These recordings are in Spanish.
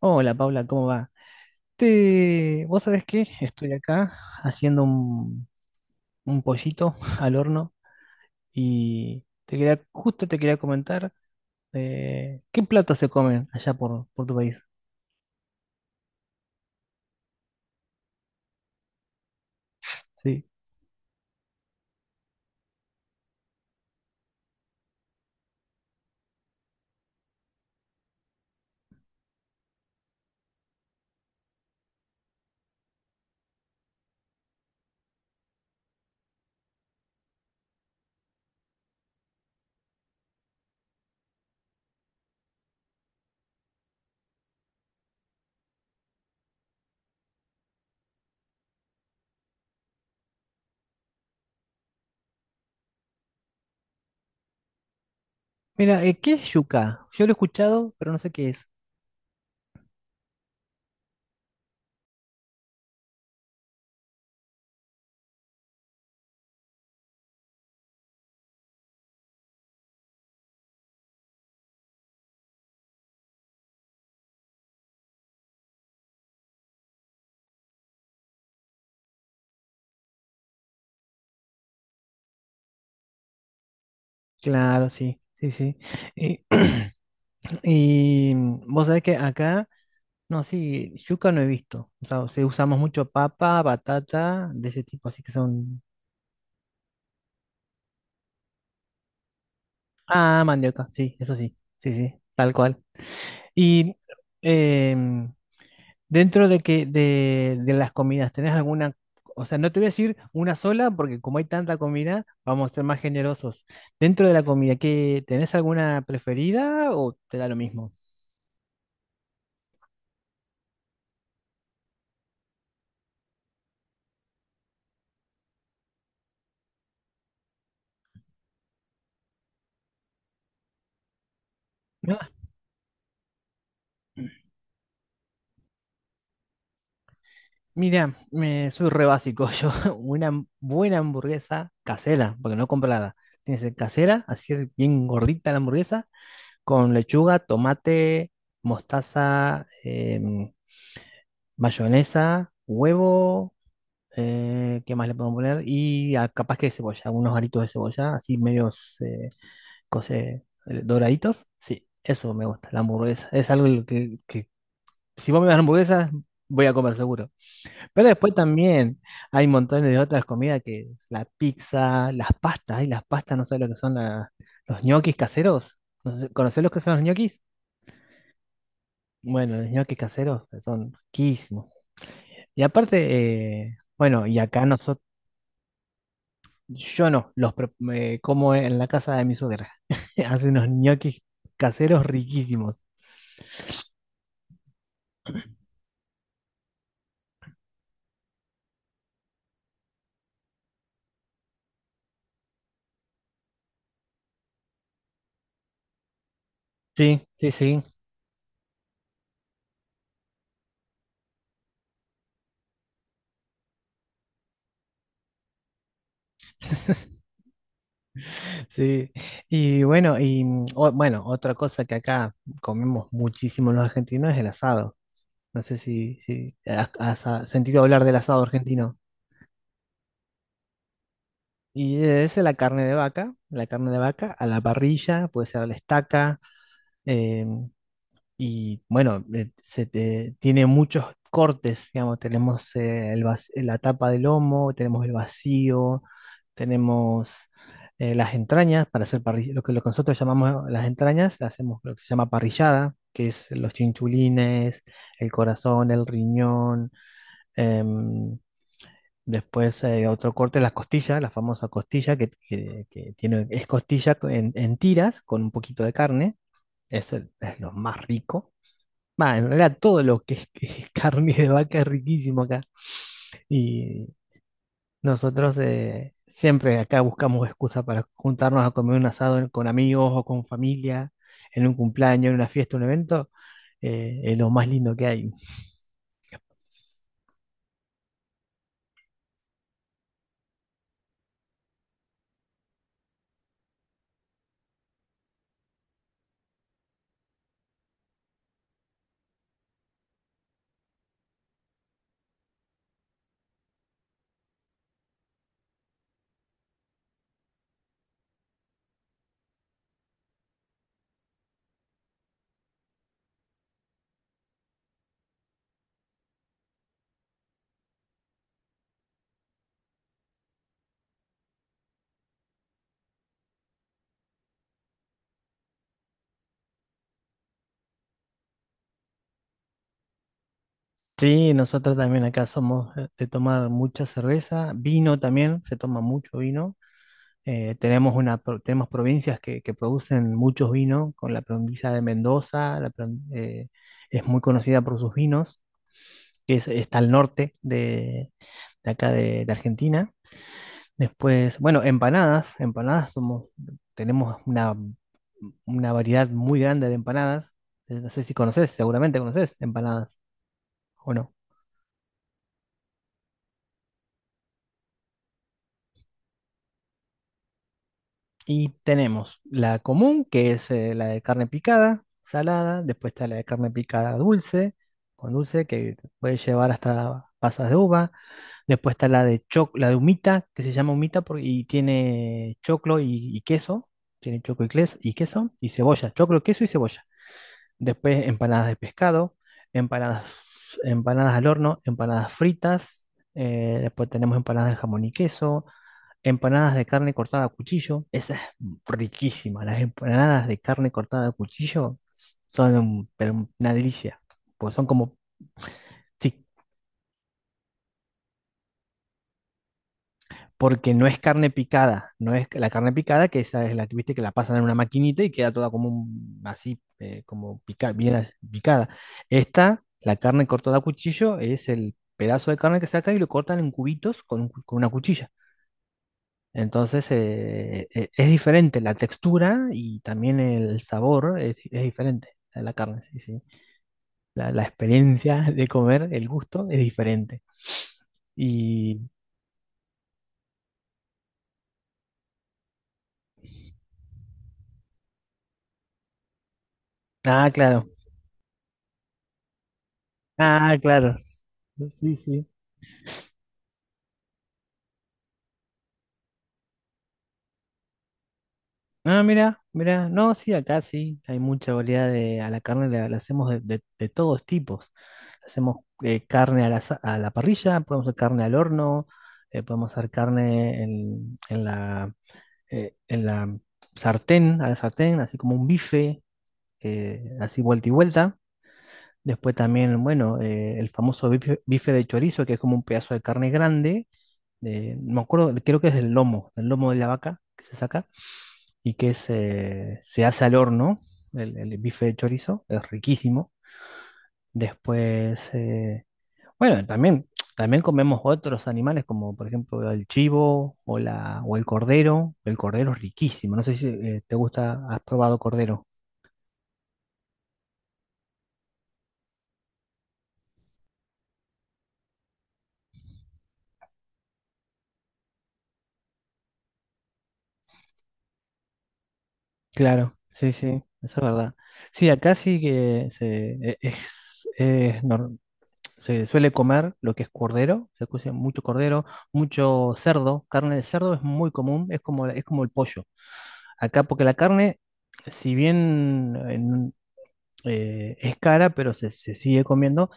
Hola, Paula, ¿cómo va? ¿Vos sabés qué? Estoy acá haciendo un pollito al horno y justo te quería comentar qué platos se comen allá por tu país. Sí. Mira, ¿qué es yuca? Yo lo he escuchado, pero no sé qué es. Claro, sí, sí, sí. Y, vos sabés que acá, no, sí, yuca no he visto. O sea, sí, usamos mucho papa, batata, de ese tipo, así que son... Ah, mandioca, sí, eso sí, sí, sí, tal cual. Y em, dentro de de las comidas, ¿tenés alguna? O sea, no te voy a decir una sola, porque como hay tanta comida, vamos a ser más generosos. Dentro de la comida, ¿tenés alguna preferida o te da lo mismo? No, mira, soy re básico. Yo, una buena hamburguesa casera, porque no comprada. Tiene que ser casera, así es, bien gordita la hamburguesa, con lechuga, tomate, mostaza, mayonesa, huevo. ¿Qué más le podemos poner? Y ah, capaz que cebolla, unos aritos de cebolla, así medios doraditos. Sí, eso me gusta, la hamburguesa. Es algo que si vos me das hamburguesa, voy a comer seguro. Pero después también hay montones de otras comidas que la pizza, las pastas, y las pastas, no sé lo que son los ñoquis caseros. No sé, ¿conocés los que son los ñoquis? Bueno, los ñoquis caseros son riquísimos. Y aparte, bueno, y acá nosotros. Yo no, los me como en la casa de mi suegra. Hace unos ñoquis caseros riquísimos. Sí, sí, sí, sí. Y bueno, bueno, otra cosa que acá comemos muchísimo los argentinos es el asado. No sé si has, has sentido hablar del asado argentino. Y es la carne de vaca, la carne de vaca a la parrilla, puede ser a la estaca. em, Y bueno, tiene muchos cortes, digamos, tenemos el la tapa del lomo, tenemos el vacío, tenemos las entrañas para hacer parrilla, lo lo que nosotros llamamos las entrañas, hacemos lo que se llama parrillada, que es los chinchulines, el corazón, el riñón, em, después otro corte, las costillas, la famosa costilla, que tiene, es costilla en tiras con un poquito de carne, es, es lo más rico. Va, en realidad todo lo que que es carne de vaca es riquísimo acá. Y nosotros siempre acá buscamos excusa para juntarnos a comer un asado con amigos o con familia, en un cumpleaños, en una fiesta, un evento. Es lo más lindo que hay. Sí, nosotros también acá somos de tomar mucha cerveza, vino también, se toma mucho vino. Tenemos, una, tenemos provincias que producen muchos vinos, con la provincia de Mendoza, eh, es muy conocida por sus vinos, está al norte de acá de Argentina. Después, bueno, empanadas, empanadas somos, tenemos una variedad muy grande de empanadas. No sé si conoces, seguramente conoces empanadas o no. Y tenemos la común, que es la de carne picada, salada, después está la de carne picada dulce, con dulce, que puede llevar hasta pasas de uva. Después está la de la de humita, que se llama humita y tiene choclo y queso, tiene choclo y queso, y cebolla, choclo, queso y cebolla. Después empanadas de pescado, empanadas, empanadas al horno, empanadas fritas, después tenemos empanadas de jamón y queso, empanadas de carne cortada a cuchillo, esa es riquísima. Las empanadas de carne cortada a cuchillo son una delicia, porque son sí, porque no es carne picada, no es la carne picada, que esa es la que viste que la pasan en una maquinita y queda toda como así, como pica, bien picada. Esta, la carne cortada a cuchillo, es el pedazo de carne que saca y lo cortan en cubitos con, un con una cuchilla. Entonces es diferente la textura y también el sabor es diferente a la carne, sí, sí. La experiencia de comer, el gusto es diferente. Y, ah, claro, ah, claro, sí, sí. Ah, mira, mira, no, sí, acá sí, hay mucha variedad de, a la carne la hacemos de todos tipos. Hacemos carne a a la parrilla, podemos hacer carne al horno, podemos hacer carne en la sartén, a la sartén, así como un bife, así vuelta y vuelta. Después también, bueno, el famoso bife, bife de chorizo, que es como un pedazo de carne grande, no me acuerdo, creo que es el lomo de la vaca que se saca y que se hace al horno, el bife de chorizo, es riquísimo. Después, bueno, también, también comemos otros animales como por ejemplo el chivo o el cordero. El cordero es riquísimo. No sé si te gusta, has probado cordero. Claro, sí, sí, eso es verdad. Sí, acá sí que es se suele comer lo que es cordero. Se cose mucho cordero, mucho cerdo. Carne de cerdo es muy común, es como el pollo. Acá porque la carne, si bien es cara, pero se sigue comiendo.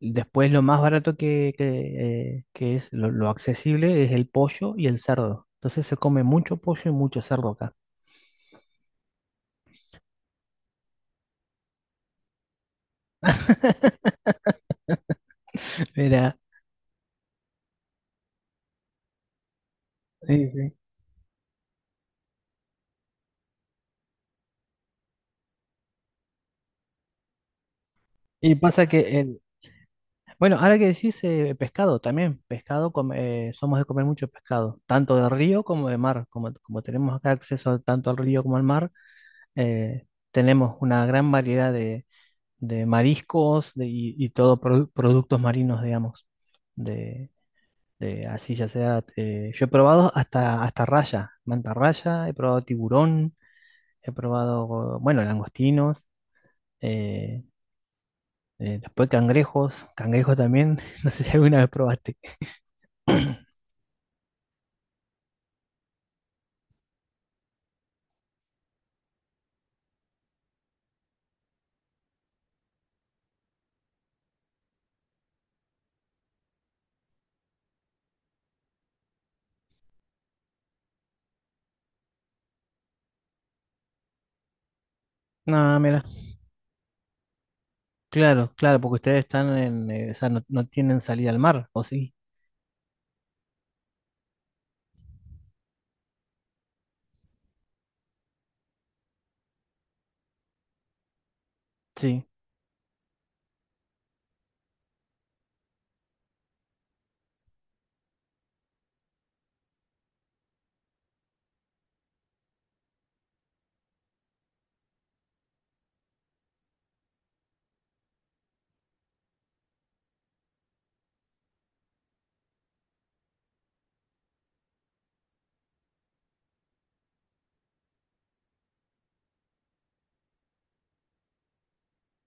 Después lo más barato que es lo accesible es el pollo y el cerdo. Entonces se come mucho pollo y mucho cerdo acá. Mira, sí, sí. Y pasa que bueno, ahora que decís pescado también, pescado somos de comer mucho pescado, tanto de río como de mar. Como tenemos acá acceso tanto al río como al mar, tenemos una gran variedad de mariscos y todo productos marinos, digamos de, eh, así ya sea, yo he probado hasta, hasta raya, manta raya, he probado tiburón, he probado, bueno, langostinos, eh, después cangrejos, cangrejos también, no sé si alguna vez probaste. No, mira, claro, claro, porque ustedes están en, o sea, no, no tienen salida al mar, ¿o sí? Sí,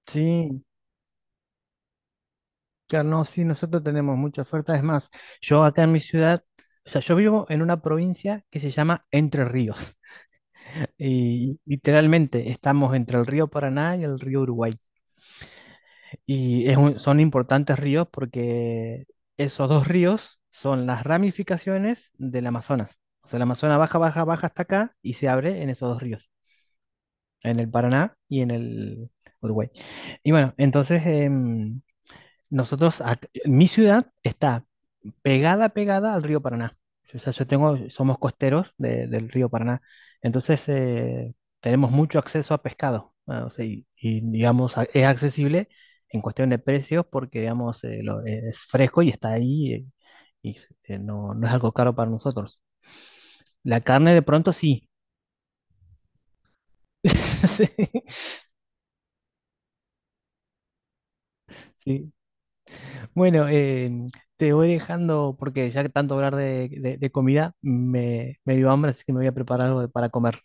sí, claro, no, sí, nosotros tenemos mucha oferta, es más, yo acá en mi ciudad, o sea, yo vivo en una provincia que se llama Entre Ríos. Y literalmente estamos entre el río Paraná y el río Uruguay. Y es son importantes ríos porque esos dos ríos son las ramificaciones del Amazonas. O sea, el Amazonas baja, baja, baja hasta acá y se abre en esos dos ríos, en el Paraná y en el Uruguay. Y bueno, entonces nosotros, mi ciudad está pegada, pegada al río Paraná. O sea, yo tengo, somos costeros del río Paraná, entonces tenemos mucho acceso a pescado, ah, o sea, digamos, es accesible en cuestión de precios porque, digamos, es fresco y está ahí y no, no es algo caro para nosotros. La carne de pronto sí. Sí. Sí. Bueno, te voy dejando porque ya que tanto hablar de comida me dio hambre, así que me voy a preparar algo para comer.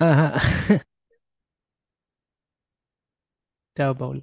Chao, Paul.